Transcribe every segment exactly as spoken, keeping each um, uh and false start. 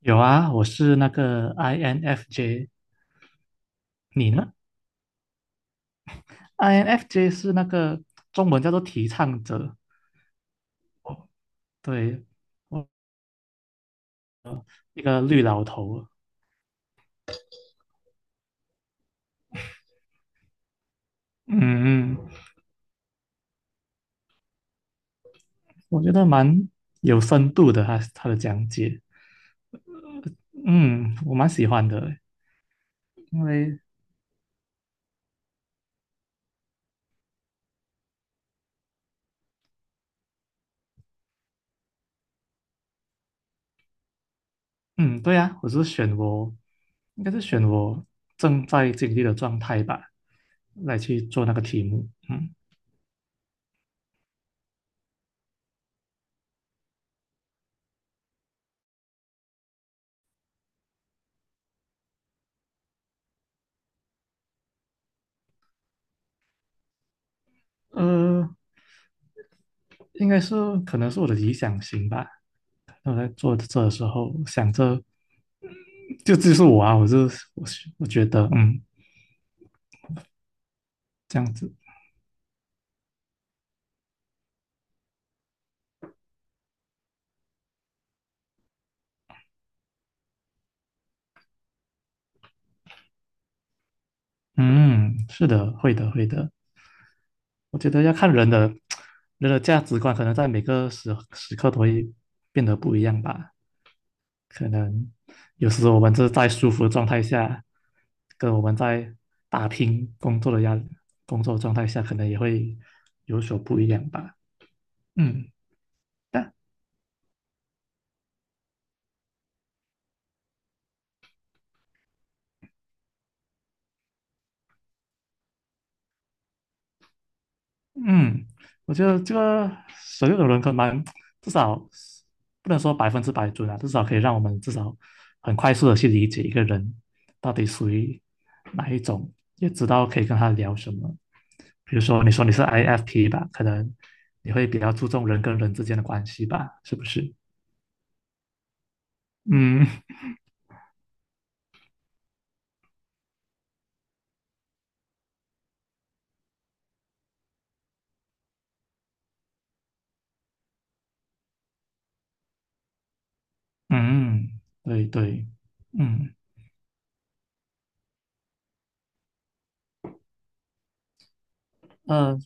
有啊，我是那个 I N F J，你呢？I N F J 是那个，中文叫做提倡者。对，我一个绿老头。嗯，我觉得蛮有深度的，他他的讲解。嗯，我蛮喜欢的。因为嗯，对啊，我是选我，应该是选我正在经历的状态吧，来去做那个题目。嗯，呃，应该是可能是我的理想型吧。我在做这的时候，想着就就是我啊，我就我是我觉得，嗯，这样子。嗯，是的，会的，会的。我觉得要看人的人的价值观，可能在每个时时刻都会变得不一样吧。可能有时候我们就是在舒服的状态下，跟我们在打拼工作的压力工作状态下，可能也会有所不一样吧。嗯，但嗯，我觉得这个所有的人可蛮，至少不能说百分之百准啊，至少可以让我们至少很快速的去理解一个人到底属于哪一种，也知道可以跟他聊什么。比如说，你说你是 I F P 吧，可能你会比较注重人跟人之间的关系吧，是不是？嗯嗯，嗯对对，嗯。呃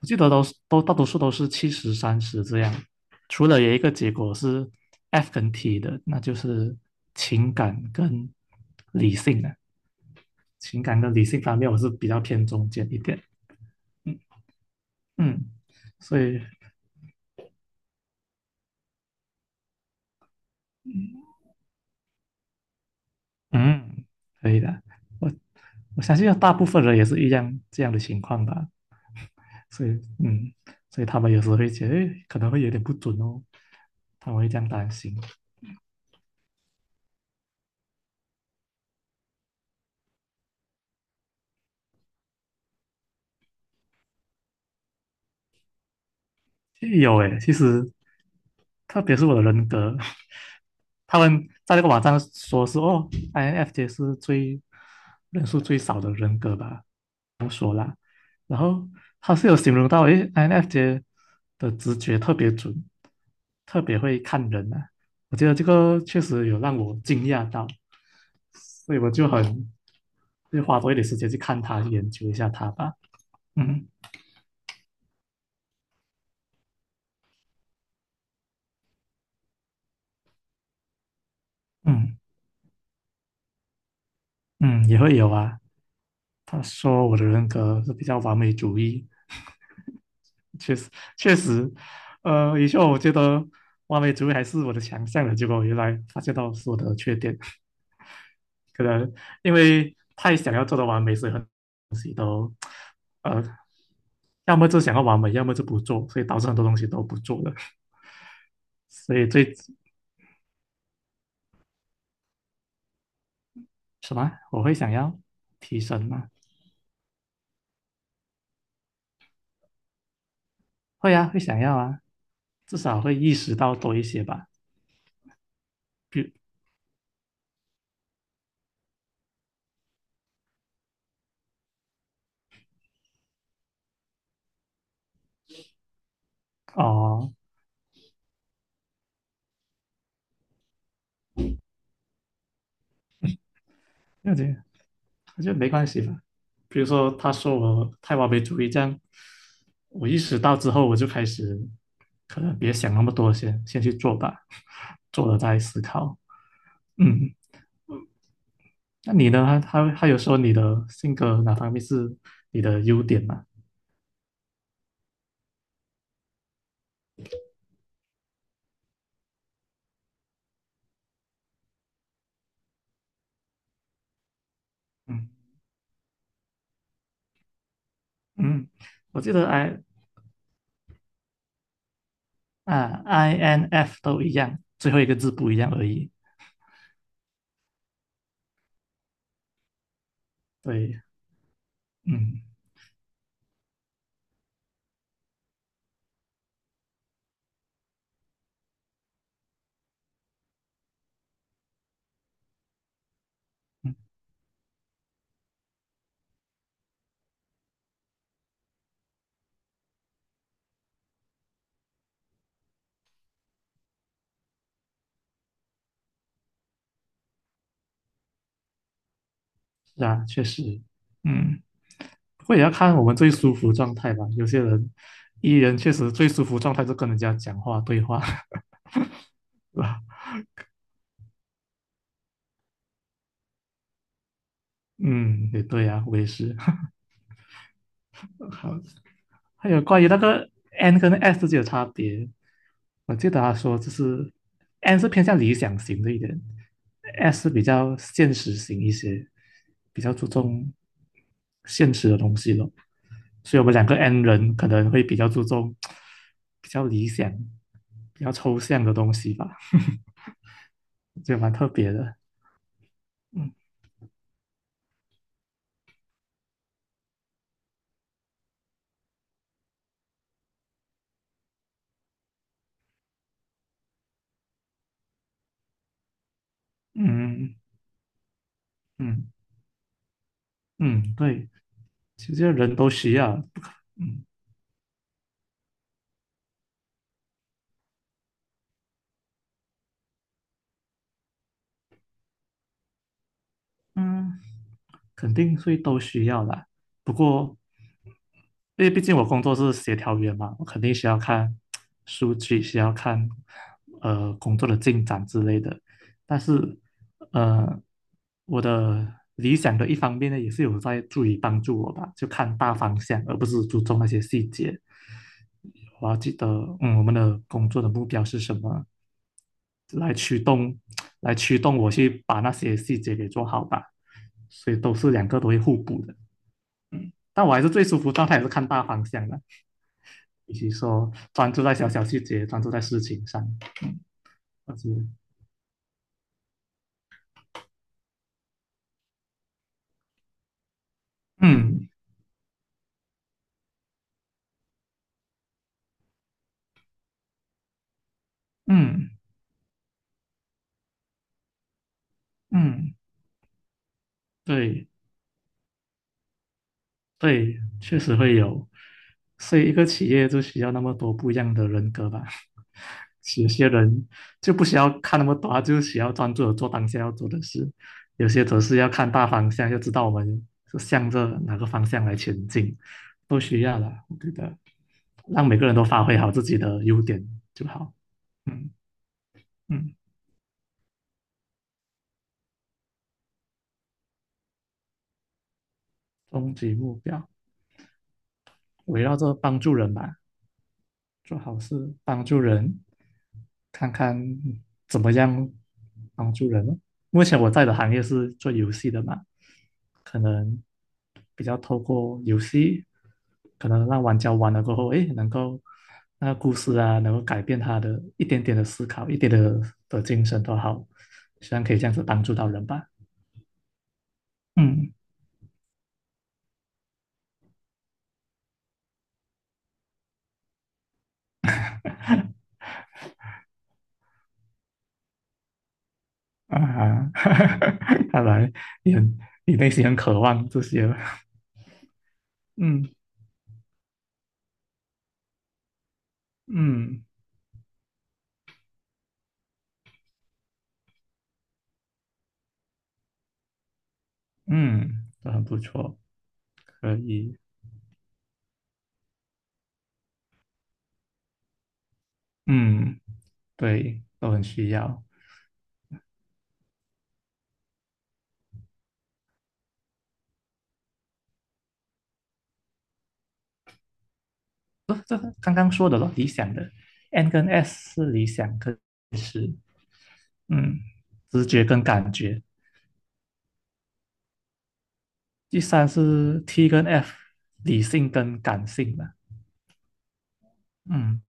我记得都是都大多数都是七十三十这样，除了有一个结果是 F 跟 T 的，那就是情感跟理性的。啊，情感跟理性方面我是比较偏中间一点。嗯嗯，所以嗯可以的，我我相信大部分人也是一样这样的情况吧。所以嗯，所以他们有时候会觉得可能会有点不准哦，他们会这样担心。有诶，其实特别是我的人格，他们在那个网站说是哦，I N F J 是最人数最少的人格吧。然后他是有形容到，诶，I N F J 的直觉特别准，特别会看人啊，我觉得这个确实有让我惊讶到，所以我就很就花多一点时间去看他，去研究一下他吧。嗯嗯嗯，也会有啊。他说我的人格是比较完美主义。确实确实。呃，以前我觉得完美主义还是我的强项的，结果我原来发现到是我的缺点。可能因为太想要做到完美，所以很多东西都呃，要么就想要完美，要么就不做，所以导致很多东西都不做了。所以最什么，我会想要提升吗？会啊，会想要啊，至少会意识到多一些吧。比哦，了解，我觉得没关系吧。比如说，他说我太完美主义，这样我意识到之后，我就开始可能别想那么多先，先去做吧，做了再思考。嗯，那你呢？他他他有说你的性格哪方面是你的优点吗？嗯嗯，我记得 I 啊 I N F 都一样，最后一个字不一样而已。对，嗯嗯，是啊，确实，嗯。不过也要看我们最舒服状态吧。有些人 E 人确实最舒服状态是跟人家讲话对话。是吧？嗯，也对啊，我也是。好，还有关于那个 N 跟 S 之间的差别，我记得他说就是 N 是偏向理想型的一点，S 是比较现实型一些，比较注重现实的东西咯。所以我们两个 N 人可能会比较注重比较理想、比较抽象的东西吧。也蛮特别的。嗯嗯嗯嗯，对，其实人都需要，不可嗯，嗯肯定会都需要啦。不过，因为毕竟我工作是协调员嘛，我肯定需要看数据，需要看呃工作的进展之类的。但是，呃，我的理想的一方面呢，也是有在注意帮助我吧，就看大方向，而不是注重那些细节。我要记得，嗯，我们的工作的目标是什么，来驱动，来驱动我去把那些细节给做好吧。所以都是两个都会互补的。但我还是最舒服，状态也是看大方向的，以及说专注在小小细节，专注在事情上，而且，嗯嗯嗯，对。对，确实会有，所以一个企业就需要那么多不一样的人格吧。有些人就不需要看那么多，他就需要专注的做当下要做的事；有些则是要看大方向，要知道我们是向着哪个方向来前进，都需要了。我觉得让每个人都发挥好自己的优点就好。嗯嗯，终极目标围绕着帮助人吧。做好事，帮助人，看看怎么样帮助人咯。目前我在的行业是做游戏的嘛，可能比较透过游戏，可能让玩家玩了过后，诶，能够那个故事啊，能够改变他的一点点的思考，一点的的精神都好，希望可以这样子帮助到人吧。嗯啊，看来你很你内心很渴望这些。嗯嗯。嗯，都很不错，可以，嗯，对，都很需要。这这刚刚说的咯，理想的，N 跟 S 是理想跟实，嗯，直觉跟感觉。第三是 T 跟 F，理性跟感性的。嗯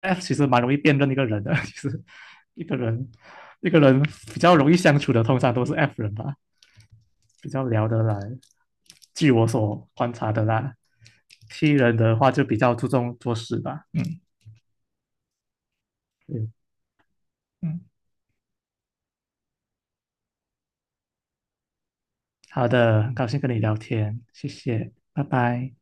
，F 其实蛮容易辨认一个人的，其实一个人一个人比较容易相处的，通常都是 F 人吧。比较聊得来。据我所观察的啦，T 人的话就比较注重做事吧。嗯嗯嗯，好的，很高兴跟你聊天，谢谢，拜拜。